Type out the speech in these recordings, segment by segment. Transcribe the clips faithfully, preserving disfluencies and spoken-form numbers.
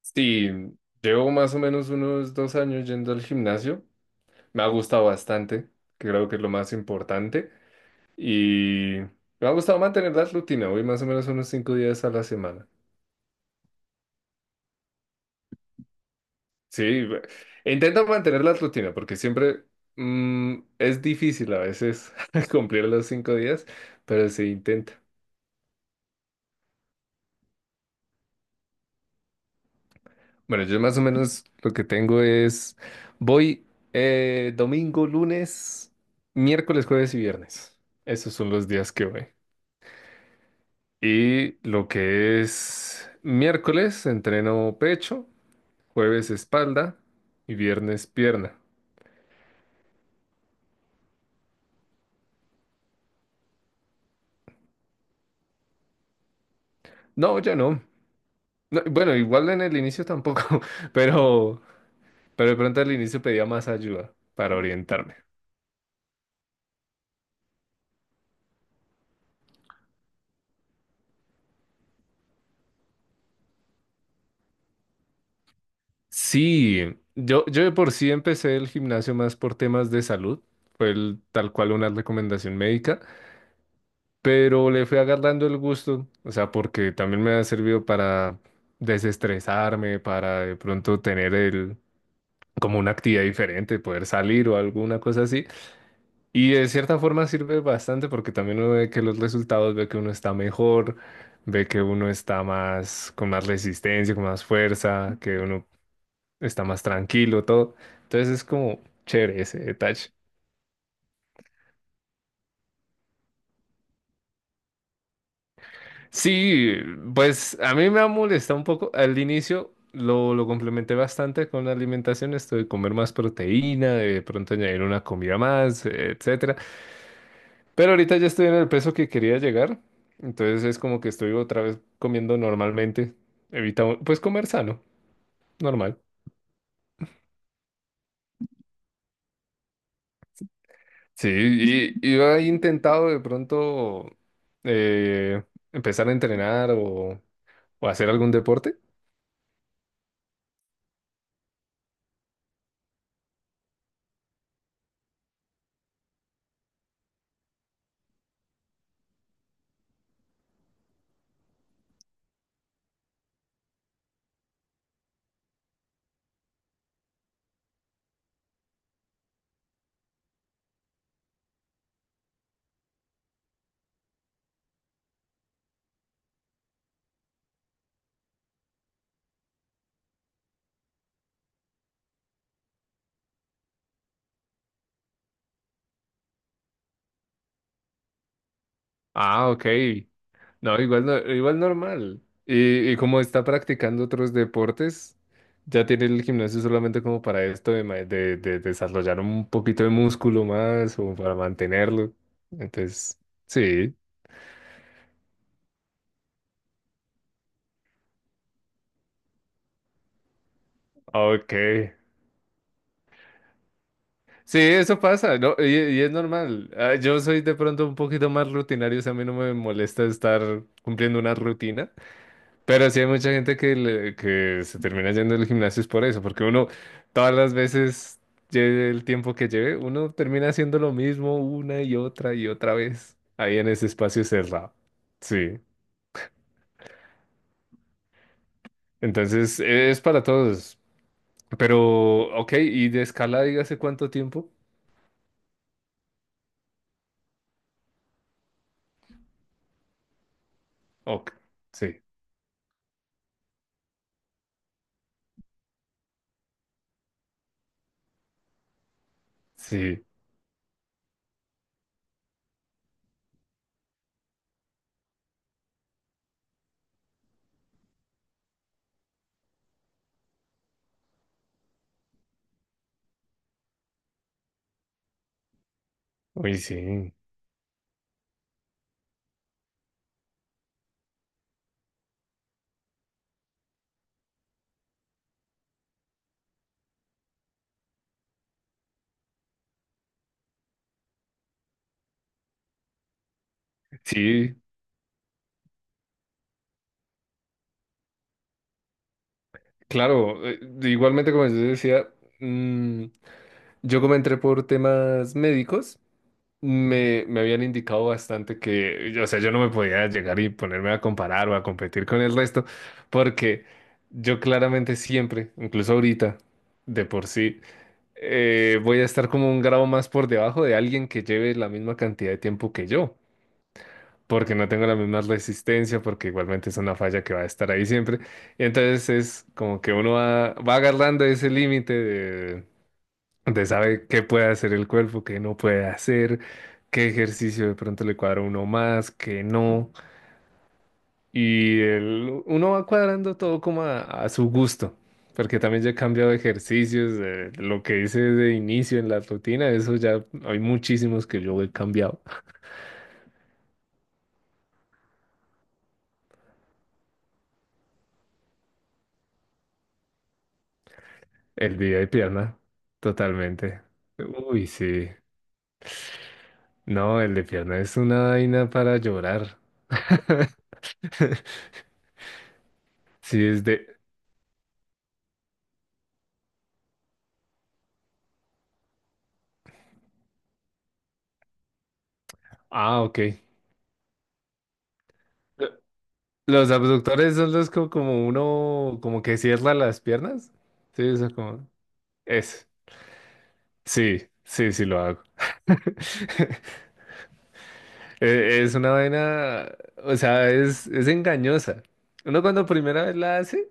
Sí, llevo más o menos unos dos años yendo al gimnasio. Me ha gustado bastante, que creo que es lo más importante. Y me ha gustado mantener la rutina. Voy más o menos unos cinco días a la semana. Sí, be- intento mantener la rutina porque siempre mm, es difícil a veces cumplir los cinco días, pero se intenta. Bueno, yo más o menos lo que tengo es, voy eh, domingo, lunes, miércoles, jueves y viernes. Esos son los días que voy. Y lo que es miércoles, entreno pecho, jueves espalda y viernes pierna. No, ya no. No, bueno, igual en el inicio tampoco, pero, pero de pronto al inicio pedía más ayuda para orientarme. Sí, yo, yo de por sí empecé el gimnasio más por temas de salud. Fue el- tal cual una recomendación médica, pero le fui agarrando el gusto, o sea, porque también me ha servido para desestresarme, para de pronto tener el como una actividad diferente, poder salir o alguna cosa así. Y de cierta forma sirve bastante porque también uno ve que los resultados, ve que uno está mejor, ve que uno está más, con más resistencia, con más fuerza, que uno está más tranquilo, todo. Entonces es como chévere ese detalle. Sí, pues a mí me ha molestado un poco al inicio. Lo, lo complementé bastante con la alimentación, esto de comer más proteína, de pronto añadir una comida más, etc. Pero ahorita ya estoy en el peso que quería llegar, entonces es como que estoy otra vez comiendo normalmente, evitando, pues comer sano, normal. Sí, y, y yo he intentado de pronto eh, empezar a entrenar o, o hacer algún deporte. Ah, ok. No, igual, no- igual normal. Y, y como está practicando otros deportes, ya tiene el gimnasio solamente como para esto de, ma- de- de desarrollar un poquito de músculo más o para mantenerlo. Entonces, sí, ok. Sí, eso pasa, ¿no? Y, y es normal. Ah, yo soy de pronto un poquito más rutinario, o sea, a mí no me molesta estar cumpliendo una rutina. Pero sí hay mucha gente que, le- que se termina yendo al gimnasio es por eso, porque uno todas las veces, lleve el tiempo que lleve, uno termina haciendo lo mismo una y otra y otra vez ahí en ese espacio cerrado. Sí, entonces e, es para todos. Pero, ok, y de escala, dígase cuánto tiempo. Ok, sí, sí, uy, sí, sí, claro. eh, Igualmente, como yo decía, mm, yo como entré por temas médicos. Me, me habían indicado bastante que, yo- o sea, yo no me podía llegar y ponerme a comparar o a competir con el resto, porque yo claramente siempre, incluso ahorita, de por sí, eh, voy a estar como un grado más por debajo de alguien que lleve la misma cantidad de tiempo que yo, porque no tengo la misma resistencia, porque igualmente es una falla que va a estar ahí siempre. Y entonces es como que uno va, va agarrando ese límite. Usted sabe qué puede hacer el cuerpo, qué no puede hacer, qué ejercicio de pronto le cuadra a uno más, qué no. Y el- uno va cuadrando todo como a, a su gusto, porque también ya he cambiado de ejercicios, eh, lo que hice de inicio en la rutina, eso ya hay muchísimos que yo he cambiado. El día de pierna, totalmente. Uy, sí. No, el de pierna es una vaina para llorar. Sí, es de... Ah, ok. Los abductores son los co- como, uno, como que cierra las piernas. Sí, eso como. Es. Sí, sí, sí lo hago. E- Es, una vaina, o sea, es, es engañosa. Uno cuando primera vez la hace,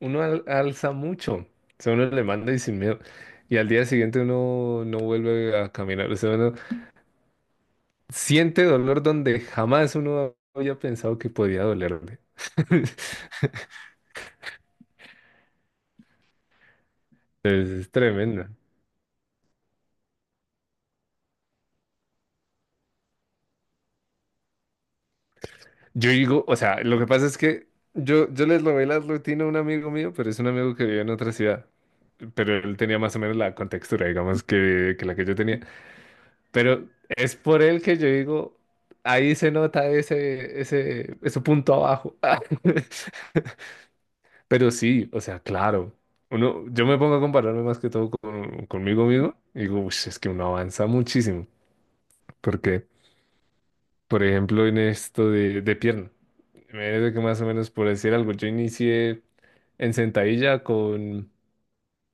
uno al- alza mucho. O sea, uno le manda y sin miedo. Y al día siguiente uno no vuelve a caminar. O sea, uno siente dolor donde jamás uno había pensado que podía dolerle. Es tremendo. Yo digo, o sea, lo que pasa es que yo, yo les robé la rutina a un amigo mío, pero es un amigo que vive en otra ciudad. Pero él tenía más o menos la contextura, digamos, que, que la que yo tenía. Pero es por él que yo digo, ahí se nota ese, ese, ese punto abajo. Pero sí, o sea, claro. Uno, yo me pongo a compararme más que todo con, conmigo mismo y digo, "Ush, es que uno avanza muchísimo". porque Por ejemplo, en esto de, de pierna. Imagínate que más o menos por decir algo, yo inicié en sentadilla con,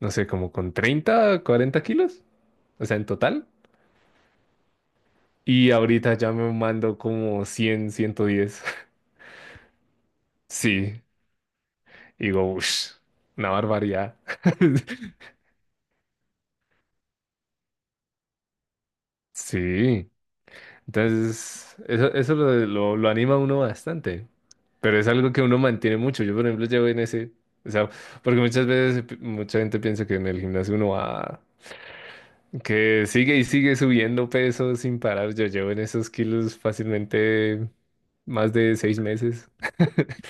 no sé, como con treinta cuarenta kilos, o sea, en total. Y ahorita ya me mando como cien ciento diez. Sí, y digo, uff, una barbaridad. Sí. Entonces, eso, eso lo, lo, lo anima a uno bastante, pero es algo que uno mantiene mucho. Yo, por ejemplo, llevo en ese, o sea, porque muchas veces pi- mucha gente piensa que en el gimnasio uno va, que sigue y sigue subiendo peso sin parar. Yo llevo en esos kilos fácilmente más de seis meses.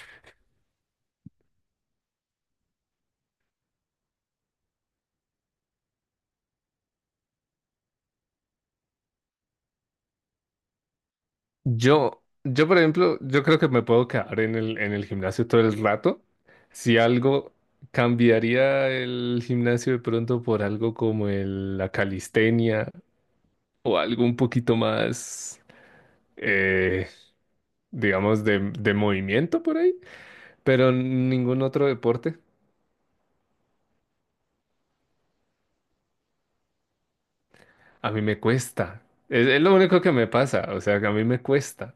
Yo, yo, por ejemplo, yo creo que me puedo quedar en el, en el gimnasio todo el rato. Si algo cambiaría el gimnasio de pronto por algo como el- la calistenia o algo un poquito más, eh, digamos, de, de movimiento por ahí, pero ningún otro deporte. A mí me cuesta. Es, es lo único que me pasa, o sea, que a mí me cuesta.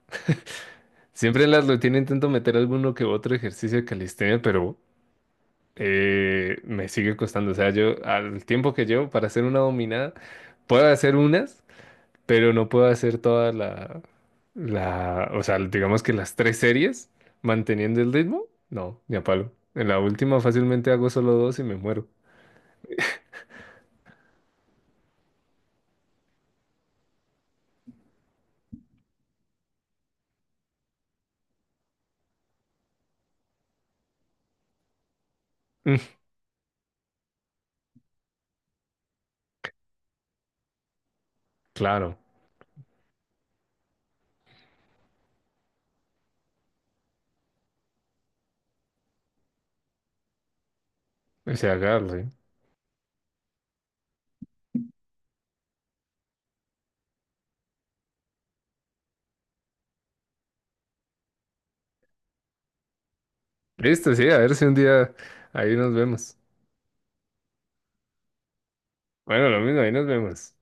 Siempre en las rutinas intento meter alguno que otro ejercicio de calistenia, pero... eh, me sigue costando. O sea, yo al tiempo que llevo para hacer una dominada, puedo hacer unas, pero no puedo hacer toda la, la, o sea, digamos que las tres series manteniendo el ritmo. No, ni a palo. En la última fácilmente hago solo dos y me muero. Mm, claro, ese agarre. Listo, sí, a ver si un día ahí nos vemos. Bueno, lo mismo, ahí nos vemos.